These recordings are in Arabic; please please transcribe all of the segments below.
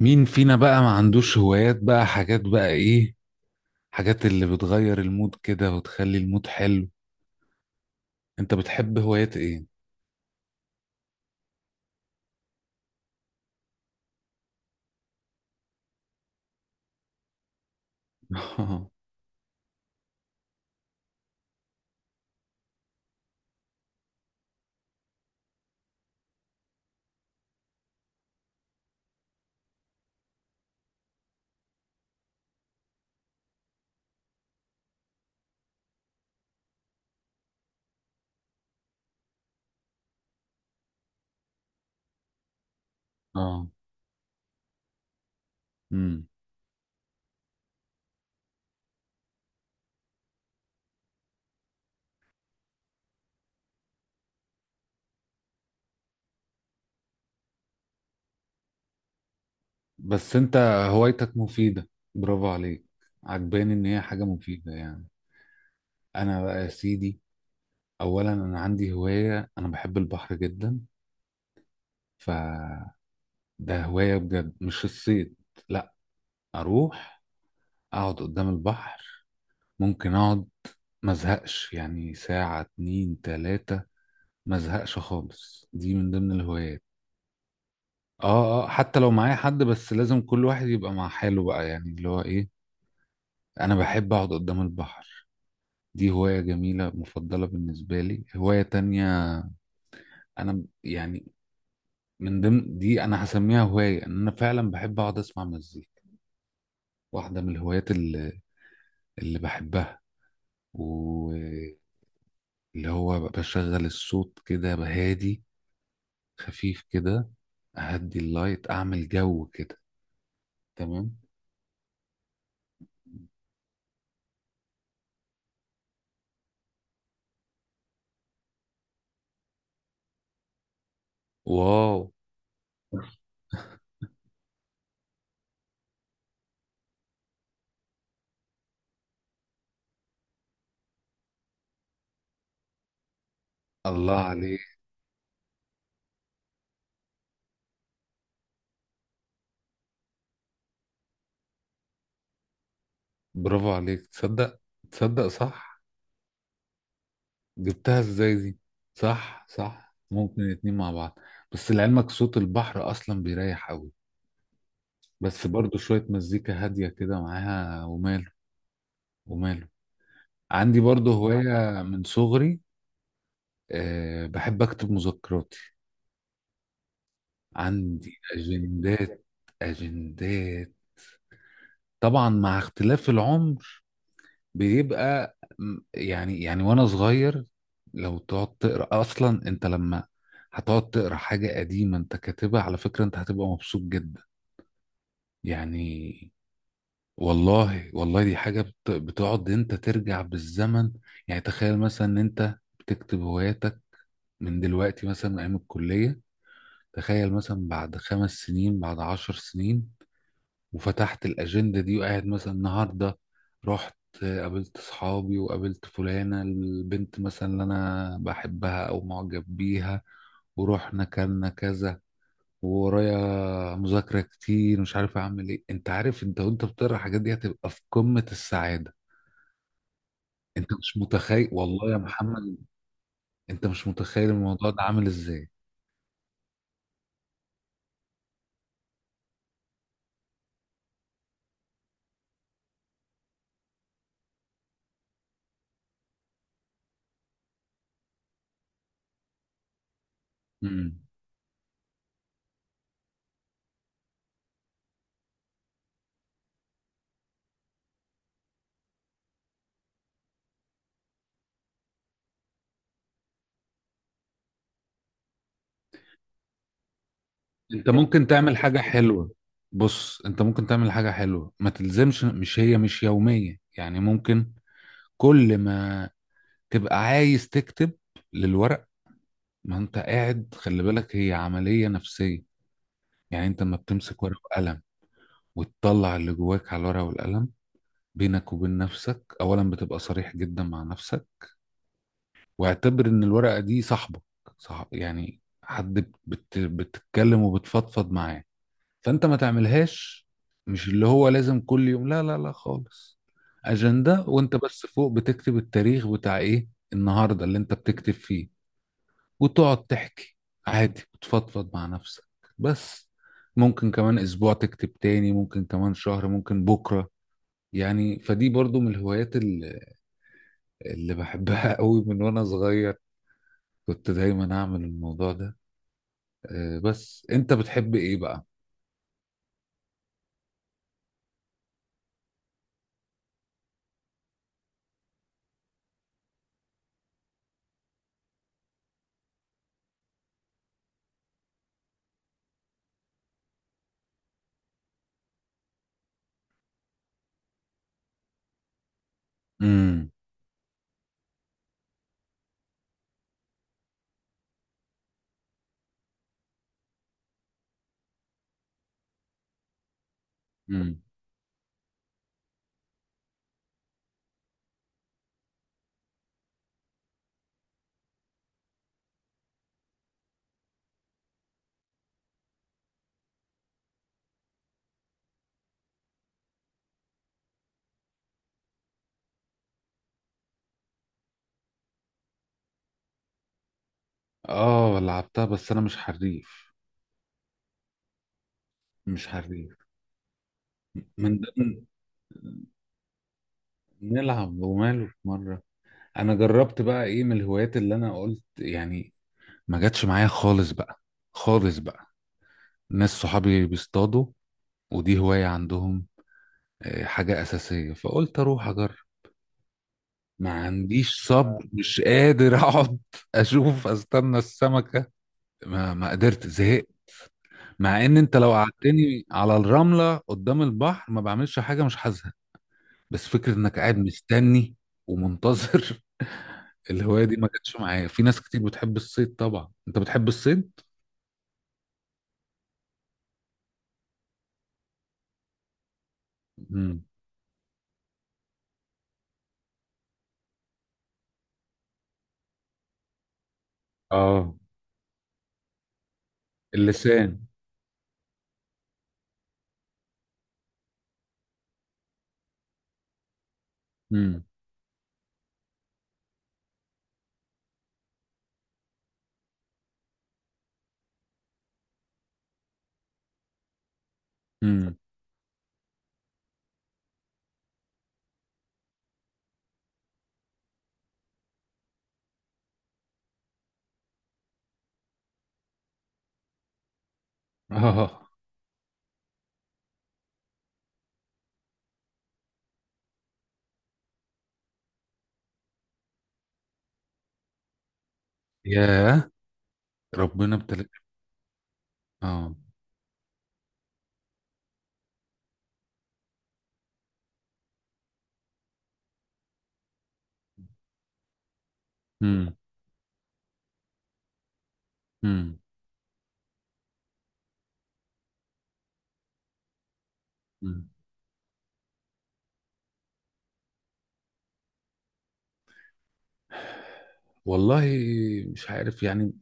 مين فينا بقى ما عندوش هوايات بقى، حاجات بقى ايه؟ حاجات اللي بتغير المود كده وتخلي المود حلو. انت بتحب هوايات ايه؟ اه. امم بس انت هوايتك مفيدة، برافو عليك. عجباني ان هي حاجة مفيدة يعني. انا بقى يا سيدي، اولا انا عندي هواية، انا بحب البحر جدا. ف ده هواية بجد، مش الصيد، لا. اروح اقعد قدام البحر، ممكن اقعد مزهقش يعني ساعة 2 3، ما ازهقش خالص. دي من ضمن الهوايات. اه اه، حتى لو معايا حد بس لازم كل واحد يبقى مع حاله بقى، يعني اللي هو ايه، انا بحب اقعد قدام البحر. دي هواية جميلة مفضلة بالنسبة لي. هواية تانية انا يعني من ضمن دي انا هسميها هواية، ان انا فعلا بحب اقعد اسمع مزيكا. واحدة من الهوايات اللي بحبها، واللي هو بشغل الصوت كده بهادي، خفيف كده، اهدي اللايت، اعمل جو كده. تمام. واو. الله عليك. برافو عليك، تصدق، تصدق صح. جبتها ازاي دي؟ صح صح، ممكن الاتنين مع بعض. بس لعلمك صوت البحر اصلا بيريح قوي، بس برضو شوية مزيكا هادية كده معاها وماله، وماله. عندي برضو هواية من صغري. أه، بحب اكتب مذكراتي، عندي اجندات. اجندات طبعا مع اختلاف العمر. بيبقى يعني وانا صغير، لو تقعد تقرا اصلا انت لما هتقعد تقرا حاجه قديمه انت كاتبها على فكره انت هتبقى مبسوط جدا يعني. والله والله دي بتقعد انت ترجع بالزمن. يعني تخيل مثلا ان انت بتكتب هواياتك من دلوقتي، مثلا من ايام الكليه، تخيل مثلا بعد 5 سنين، بعد 10 سنين، وفتحت الأجندة دي، وقاعد مثلا النهاردة رحت قابلت صحابي وقابلت فلانة البنت مثلا اللي أنا بحبها أو معجب بيها ورحنا كلنا كذا، وورايا مذاكرة كتير مش عارف أعمل إيه. أنت عارف أنت وأنت بتقرا الحاجات دي هتبقى في قمة السعادة. أنت مش متخيل والله يا محمد، أنت مش متخيل الموضوع ده عامل إزاي. مم. أنت ممكن تعمل حاجة حلوة. بص، أنت ممكن تعمل حاجة حلوة، ما تلزمش مش هي مش يومية، يعني ممكن كل ما تبقى عايز تكتب للورق. ما انت قاعد، خلي بالك هي عملية نفسية. يعني انت لما بتمسك ورقة وقلم وتطلع اللي جواك على الورقة والقلم، بينك وبين نفسك، اولا بتبقى صريح جدا مع نفسك. واعتبر ان الورقة دي صاحبك، صح، يعني حد بتتكلم وبتفضفض معاه. فانت ما تعملهاش مش اللي هو لازم كل يوم، لا لا لا خالص. أجندة، وانت بس فوق بتكتب التاريخ بتاع ايه، النهاردة اللي انت بتكتب فيه، وتقعد تحكي عادي وتفضفض مع نفسك. بس ممكن كمان اسبوع تكتب تاني، ممكن كمان شهر، ممكن بكرة يعني. فدي برضو من الهوايات اللي بحبها قوي من وانا صغير. كنت دايما اعمل الموضوع ده. بس انت بتحب ايه بقى؟ امم امم اه لعبتها بس انا مش حريف، مش حريف. من ضمن، نلعب وماله في مرة. انا جربت بقى ايه من الهوايات اللي انا قلت يعني ما جاتش معايا خالص بقى، خالص بقى. ناس صحابي بيصطادوا، ودي هواية عندهم، حاجة أساسية، فقلت أروح أجرب. ما عنديش صبر، مش قادر أقعد أشوف أستنى السمكة. ما قدرت، زهقت. مع إن أنت لو قعدتني على الرملة قدام البحر ما بعملش حاجة، مش حاسها. بس فكرة إنك قاعد مستني ومنتظر. الهواية دي ما جاتش معايا. في ناس كتير بتحب الصيد، طبعا أنت بتحب الصيد؟ مم. آه. اللسان. مم. مم. آه. ياه، ربنا ابتلى. اه. امم امم أمم. والله مش عارف يعني.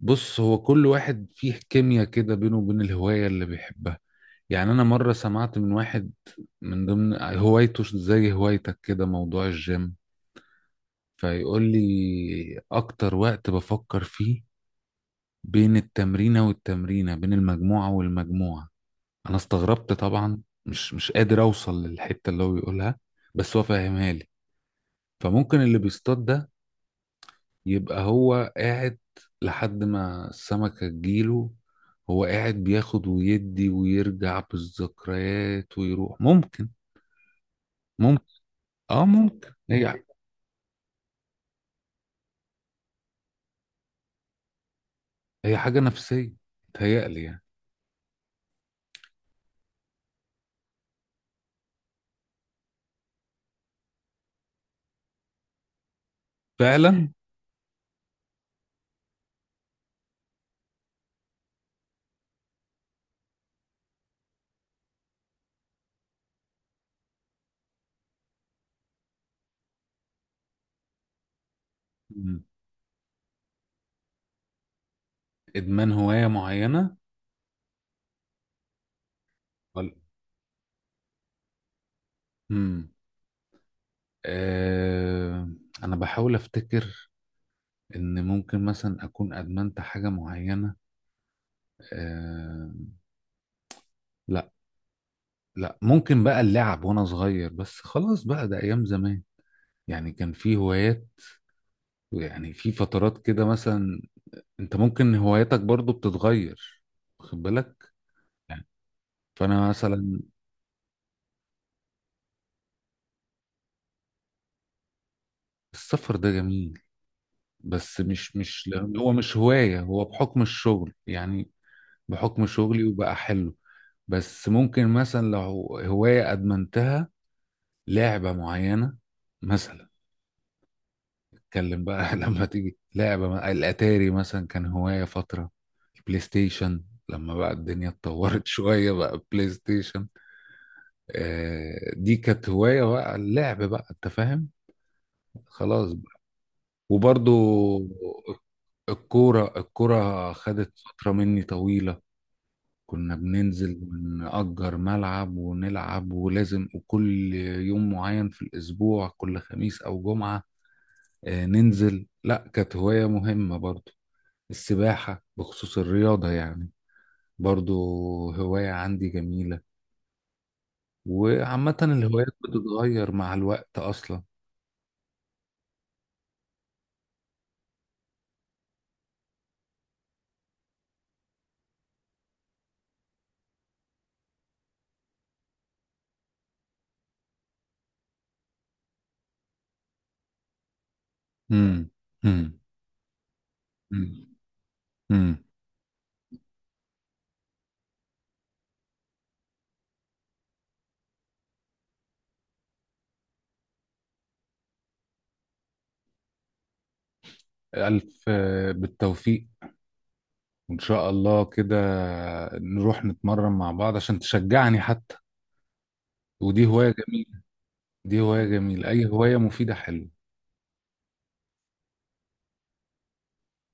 بص، هو كل واحد فيه كيمياء كده بينه وبين الهواية اللي بيحبها. يعني أنا مرة سمعت من واحد من ضمن هوايته زي هوايتك كده موضوع الجيم، فيقول لي أكتر وقت بفكر فيه بين التمرينة والتمرينة، بين المجموعة والمجموعة. أنا استغربت طبعا، مش قادر أوصل للحتة اللي هو بيقولها، بس هو فاهمها لي. فممكن اللي بيصطاد ده يبقى هو قاعد لحد ما السمكة تجيله، هو قاعد بياخد ويدي ويرجع بالذكريات ويروح، ممكن ممكن. اه ممكن هي، هي حاجة نفسية، تهيألي يعني. فعلا. مم. إدمان هواية معينة؟ ولا. مم. آه. أنا بحاول أفتكر إن ممكن مثلا أكون أدمنت حاجة معينة. آه، لا. لا، ممكن بقى اللعب وأنا صغير بس، خلاص بقى، ده أيام زمان. يعني كان في هوايات، يعني في فترات كده مثلا. انت ممكن هواياتك برضو بتتغير، واخد بالك؟ يعني، فانا مثلا، السفر ده جميل بس مش، مش لأن هو مش هواية، هو بحكم الشغل يعني، بحكم شغلي، وبقى حلو. بس ممكن مثلا لو هواية ادمنتها، لعبة معينة مثلا، اتكلم بقى. لما تيجي لعبة الاتاري مثلا كان هواية فترة، البلاي ستيشن لما بقى الدنيا اتطورت شوية بقى، بلاي ستيشن. دي كانت هواية بقى، اللعب بقى انت فاهم، خلاص بقى. وبرضو الكورة، الكورة خدت فترة مني طويلة، كنا بننزل ونأجر ملعب ونلعب، ولازم وكل يوم معين في الأسبوع، كل خميس أو جمعة ننزل. لا، كانت هواية مهمة برضو. السباحة بخصوص الرياضة يعني، برضو هواية عندي جميلة. وعامة الهوايات بتتغير مع الوقت أصلا. امم مم. امم ألف بالتوفيق، وإن شاء الله كده نروح نتمرن مع بعض عشان تشجعني حتى. ودي هواية جميلة. دي هواية جميلة، أي هواية مفيدة حلوة.